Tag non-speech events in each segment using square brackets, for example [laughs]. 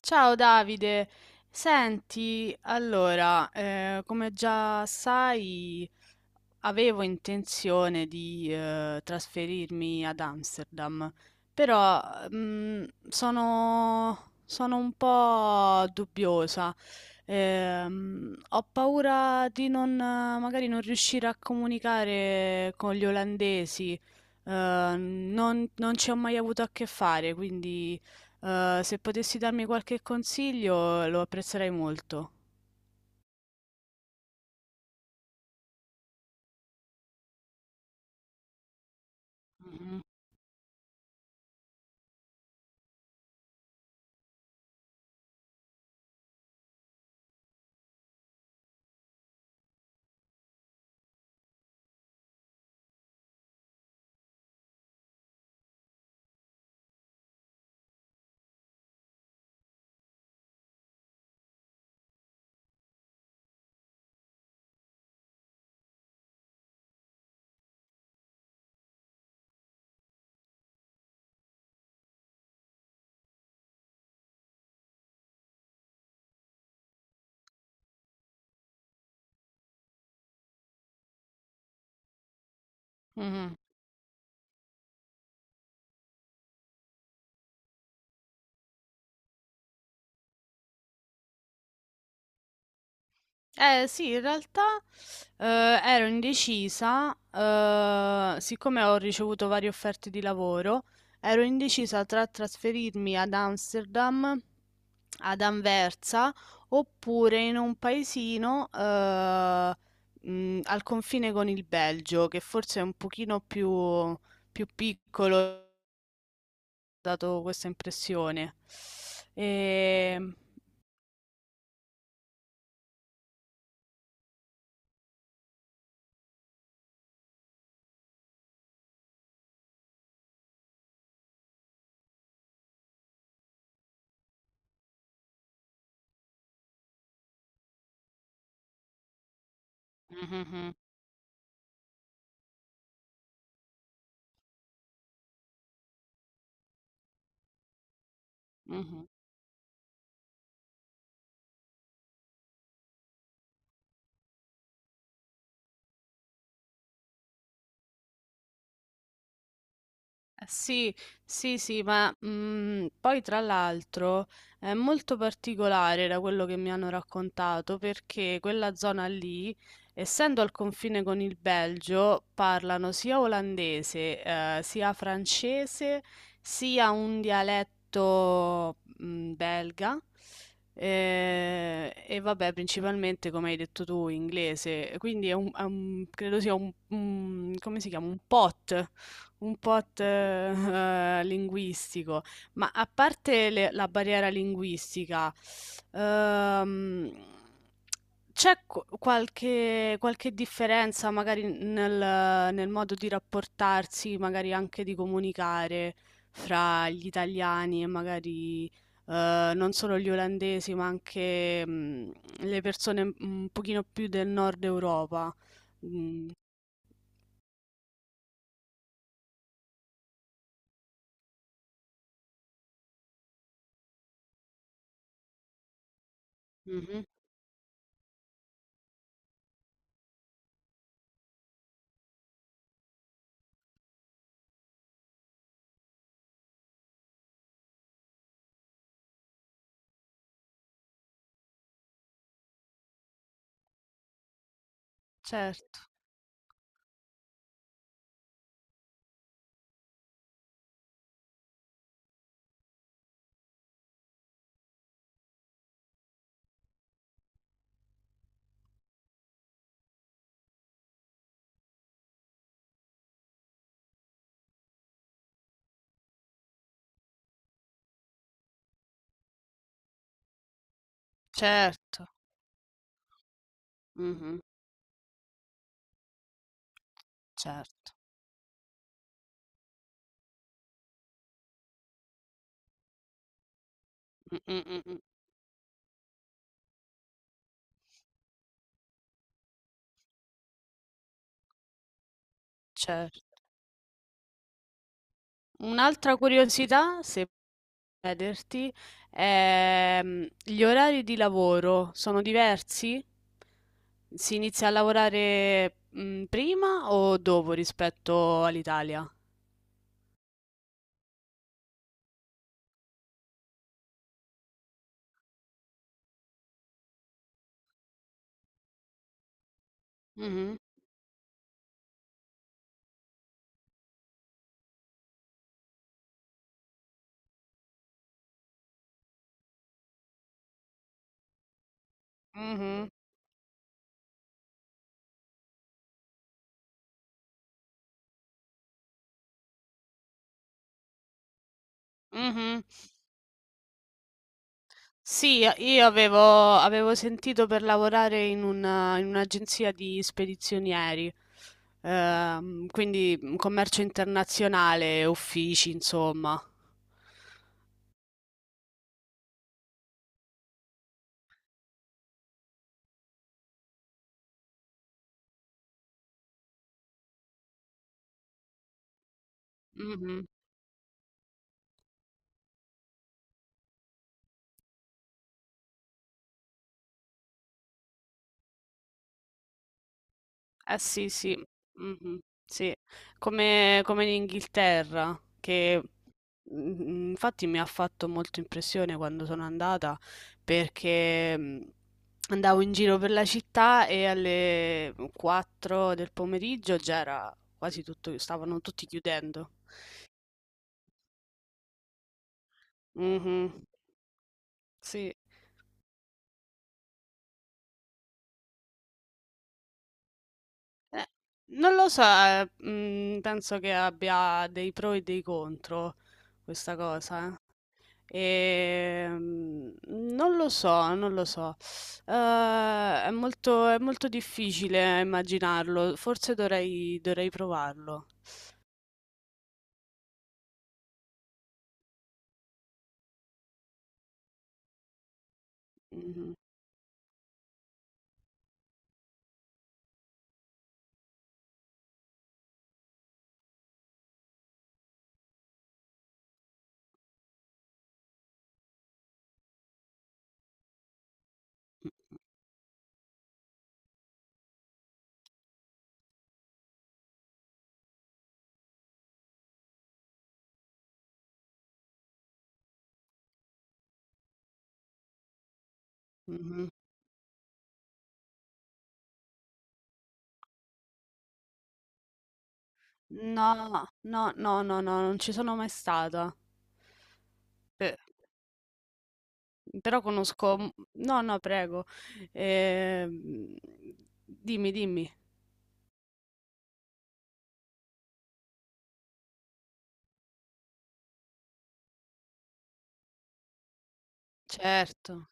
Ciao Davide. Senti, allora, come già sai, avevo intenzione di, trasferirmi ad Amsterdam. Però, sono un po' dubbiosa. Ho paura di non magari non riuscire a comunicare con gli olandesi. Non ci ho mai avuto a che fare, quindi, se potessi darmi qualche consiglio lo apprezzerei molto. Mh-mh. Mh-mh. Eh sì, in realtà eh, ero indecisa, siccome ho ricevuto varie offerte di lavoro. Ero indecisa tra trasferirmi ad Amsterdam, ad Anversa, oppure in un paesino al confine con il Belgio, che forse è un pochino più piccolo, ho dato questa impressione. E... Mhm, mhm. [laughs] Sì, sì, sì, ma poi tra l'altro è molto particolare da quello che mi hanno raccontato, perché quella zona lì, essendo al confine con il Belgio, parlano sia olandese, sia francese, sia un dialetto belga. E vabbè, principalmente come hai detto tu, inglese, quindi credo sia un, come si chiama? Un pot. Un pot, [laughs] linguistico. Ma a parte la barriera linguistica, ehm, c'è qualche differenza magari nel modo di rapportarsi, magari anche di comunicare fra gli italiani e magari non solo gli olandesi, ma anche le persone un pochino più del nord Europa? Mm. Mhm. Certo, certo. Mh-mh. Certo. Mh, mh, mh, mh. Certo. Un'altra curiosità, se posso chiederti, gli orari di lavoro sono diversi? Si inizia a lavorare, prima o dopo rispetto all'Italia? Mh-mh. Mh-mh. Mh-mh. Sì, io avevo sentito per lavorare in in un'agenzia di spedizionieri, quindi commercio internazionale, uffici, insomma. Mhm. Eh sì, sì, mhm, sì, come in Inghilterra, che infatti mi ha fatto molto impressione quando sono andata, perché andavo in giro per la città e alle 4 del pomeriggio già era quasi tutto, stavano tutti chiudendo. Mhm, sì. Eh, non lo so, penso che abbia dei pro e dei contro questa cosa, eh. Non lo so, non lo so. Eh, è molto difficile immaginarlo. Forse dovrei provarlo. Mhm, mhm. No, no, no, no, no, non ci sono mai stata. Pe- però conosco. No, no, prego. Ehm, dimmi, dimmi. Certo.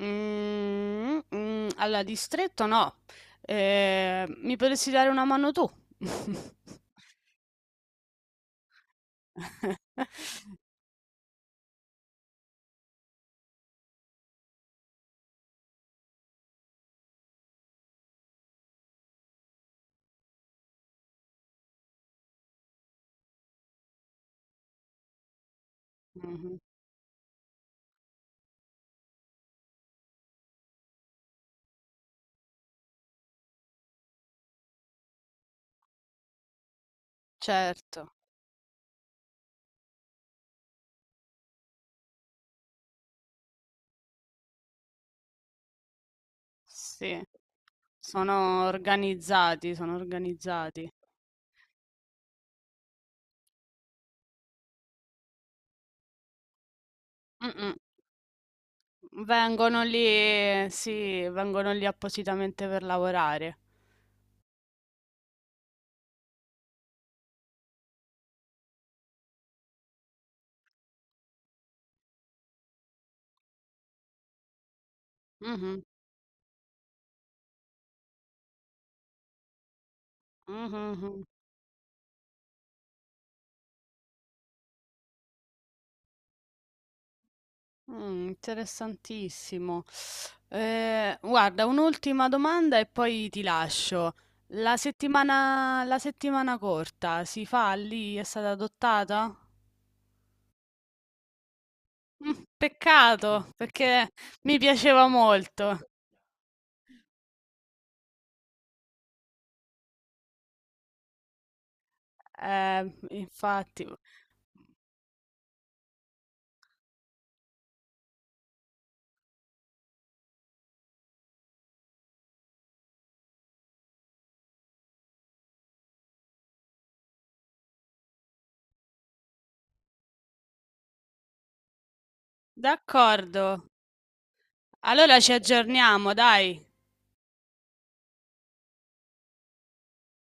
Allora, distretto no. Mi potresti dare una mano tu? [laughs] [laughs] Mh-mh. Certo, sì. Sono organizzati, sono organizzati. Mh-mh. Vengono lì sì, vengono lì appositamente per lavorare. Mh-mh. Mh-mh-mh. Interessantissimo. Guarda, un'ultima domanda e poi ti lascio. La settimana corta si fa lì? È stata adottata? Peccato, perché mi piaceva molto. Infatti. D'accordo. Allora ci aggiorniamo, dai.